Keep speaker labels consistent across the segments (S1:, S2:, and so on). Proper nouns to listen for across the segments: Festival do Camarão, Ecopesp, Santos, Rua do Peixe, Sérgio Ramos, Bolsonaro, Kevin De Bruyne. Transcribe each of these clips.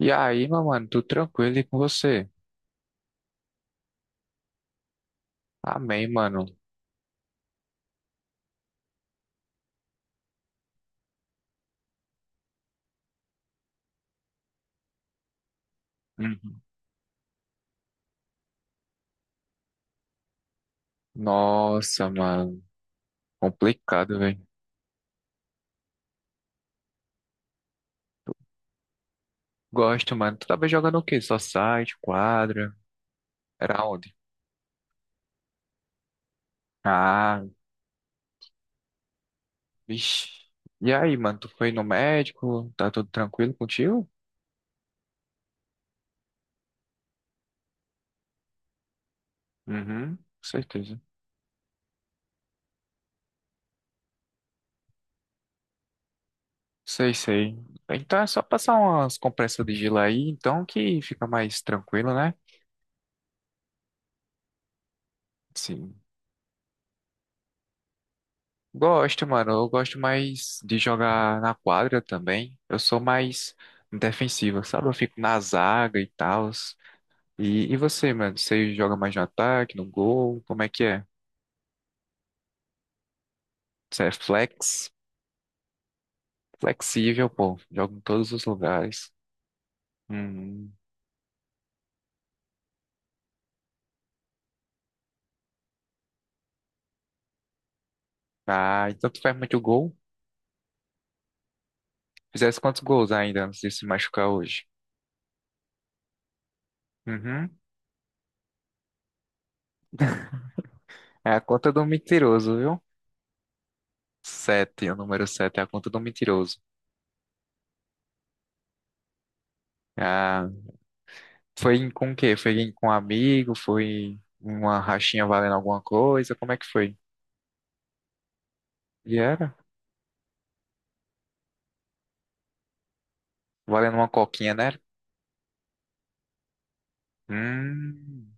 S1: E aí, meu mano, tudo tranquilo e com você? Amém, mano. Uhum. Nossa, mano, complicado, velho. Gosto, mano. Tu tava jogando o quê? Só site, quadra? Era onde? Ah, vixi. E aí, mano, tu foi no médico? Tá tudo tranquilo contigo? Uhum, com certeza. Sei, sei. Então é só passar umas compressas de gelo aí, então que fica mais tranquilo, né? Sim. Gosto, mano. Eu gosto mais de jogar na quadra também. Eu sou mais defensivo, sabe? Eu fico na zaga e tal. E você, mano? Você joga mais no ataque, no gol? Como é que é? Você é flex? Flexível, pô. Joga em todos os lugares. Hum. Ah, então tu faz muito gol? Fizesse quantos gols ainda antes de se machucar hoje? Uhum. É a conta do mentiroso, viu? Sete, o número sete é a conta do mentiroso. Ah, foi em- com o quê? Foi em- com um amigo? Foi uma rachinha valendo alguma coisa? Como é que foi? E era? Valendo uma coquinha, né? Hum,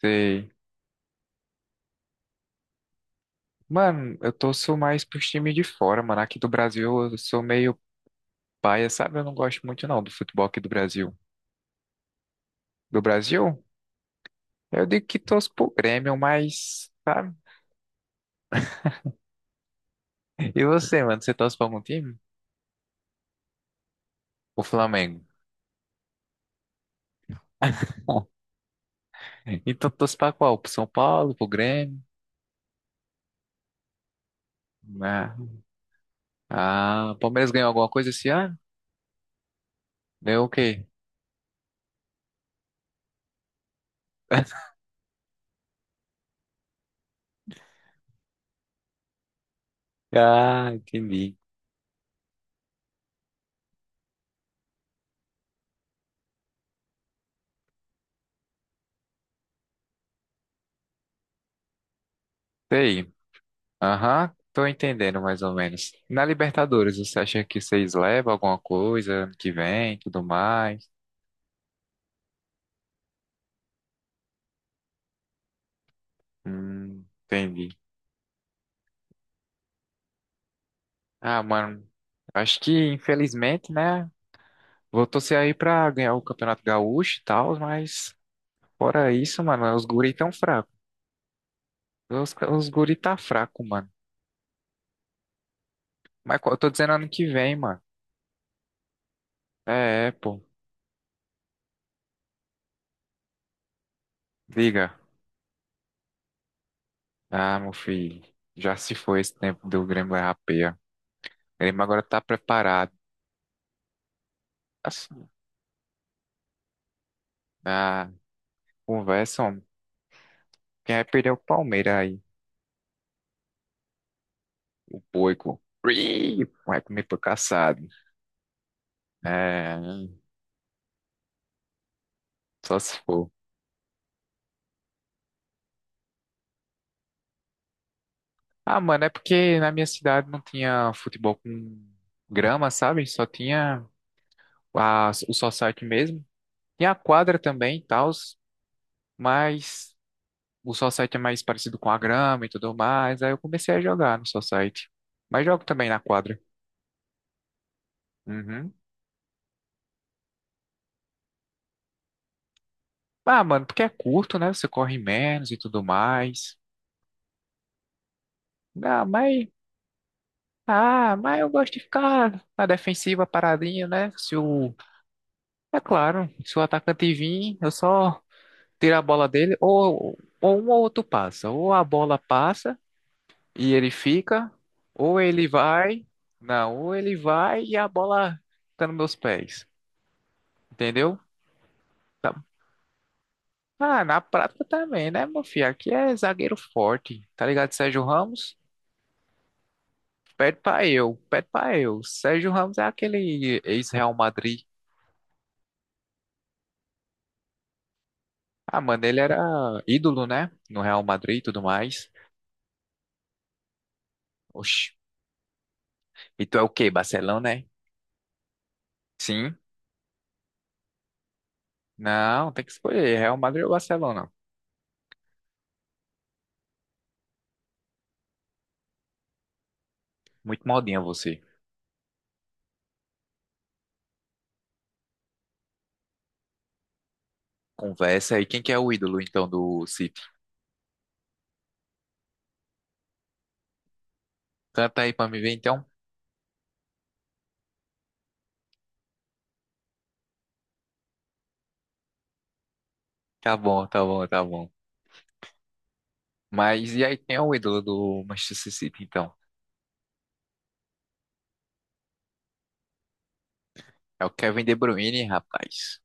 S1: sei. Mano, eu torço mais pros times de fora, mano. Aqui do Brasil eu sou meio paia, sabe? Eu não gosto muito não do futebol aqui do Brasil. Do Brasil? Eu digo que torço pro Grêmio, mas, sabe? E você, mano? Você torce pra algum time? O Flamengo. Então torço pra qual? Pro São Paulo, pro Grêmio? Ah. Ah, o Palmeiras ganhou alguma coisa esse ano? Ganhou o quê? Ah, entendi. Sei. Aham, tô entendendo mais ou menos. Na Libertadores, você acha que vocês levam alguma coisa ano que vem, tudo mais? Entendi. Ah, mano, acho que infelizmente, né? Vou torcer aí pra ganhar o Campeonato Gaúcho e tal, mas fora isso, mano, os guri tão fracos. Os guri tá fraco, mano. Mas co- eu tô dizendo ano que vem, mano. É, pô. Diga. Ah, meu filho, já se foi esse tempo do Grêmio errar peia. O Grêmio agora tá preparado. Assim, na conversa, homem, quem vai perder é o Palmeiras aí? O Boico. Ih, vai comer pro caçado. É, só se for. Ah, mano, é porque na minha cidade não tinha futebol com grama, sabe? Só tinha a, o society mesmo. Tinha a quadra também e tal, mas o Society é mais parecido com a grama e tudo mais. Aí eu comecei a jogar no Society. Mas jogo também na quadra. Uhum. Ah, mano, porque é curto, né? Você corre menos e tudo mais. Ah, mas. Ah, mas eu gosto de ficar na defensiva paradinho, né? Se o. É claro, se o atacante vir, eu só tiro a bola dele, ou um ou outro passa. Ou a bola passa e ele fica, ou ele vai. Não, ou ele vai e a bola fica nos meus pés. Entendeu? Ah, na prática também, né, meu filho? Aqui é zagueiro forte, tá ligado? Sérgio Ramos, pede pra eu. Sérgio Ramos é aquele ex-Real Madrid. Ah, mano, ele era ídolo, né? No Real Madrid e tudo mais. Oxi. E tu é o quê? Barcelona, né? Sim. Não, tem que escolher. Real Madrid ou Barcelona? Muito modinha você. Conversa aí. Quem que é o ídolo, então, do City? Canta aí pra me ver, então. Tá bom, tá bom, tá bom. Mas e aí, quem é o ídolo do Manchester City, então? É o Kevin De Bruyne, rapaz.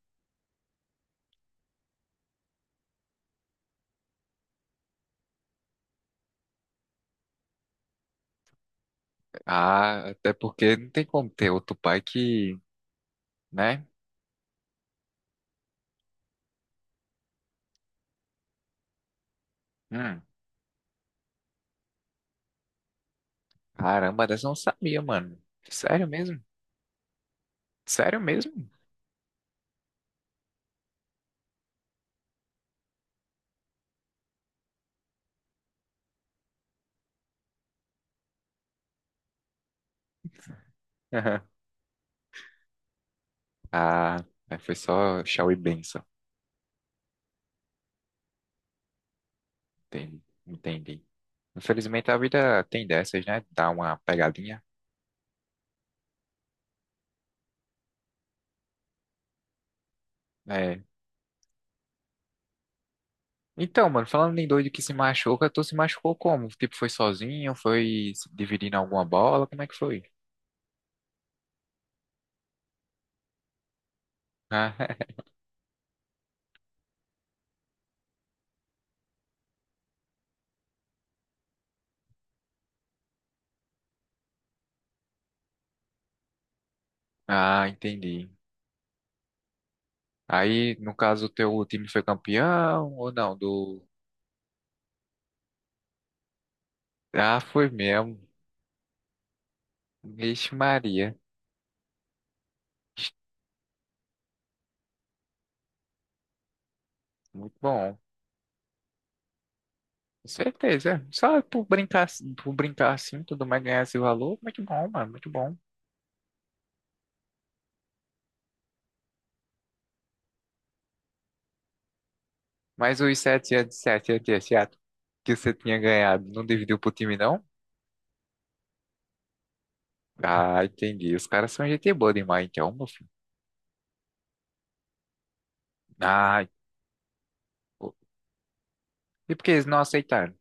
S1: Ah, até porque não tem como ter outro pai que, né? Hum, caramba, dessa eu não sabia, mano. Sério mesmo? Sério mesmo? Ah, é, foi só Shaw e Benção. Entendi. Entendi. Infelizmente a vida tem dessas, né? Dá uma pegadinha. É. Então, mano, falando em doido que se machuca, tu se machucou como? Tipo, foi sozinho? Foi se dividindo alguma bola? Como é que foi? Ah, ah, entendi. Aí, no caso, o teu time foi campeão ou não? Do... Ah, foi mesmo. Vixe Maria. Muito bom. Com certeza. É. Só por brincar assim, tudo mais ganhar esse valor. Muito bom, mano. Muito bom. Mas os 7 de 7 de 7 que você tinha ganhado, não dividiu pro time, não? Ah, entendi. Os caras são gente boa demais, então, meu filho. Ah, pô. E por que eles não aceitaram?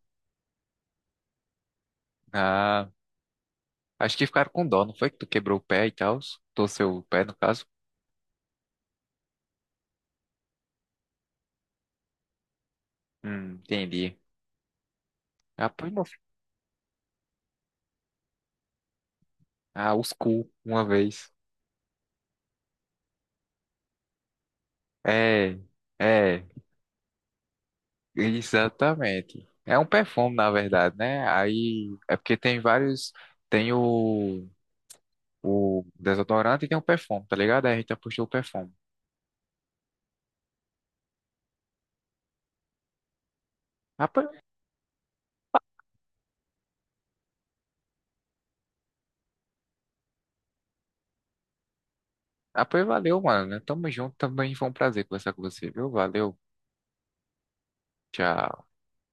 S1: Ah, acho que ficaram com dó, não foi? Que tu quebrou o pé e tal. Torceu o pé, no caso. Entendi. Ah, pois não. Ah, os cu, uma vez. É, é, exatamente. É um perfume, na verdade, né? Aí é porque tem vários. Tem o desodorante e tem o perfume, tá ligado? Aí a gente apostou o perfume. Ah, pois, ah, pois valeu, mano. Tamo junto também. Foi um prazer conversar com você, viu? Valeu. Tchau.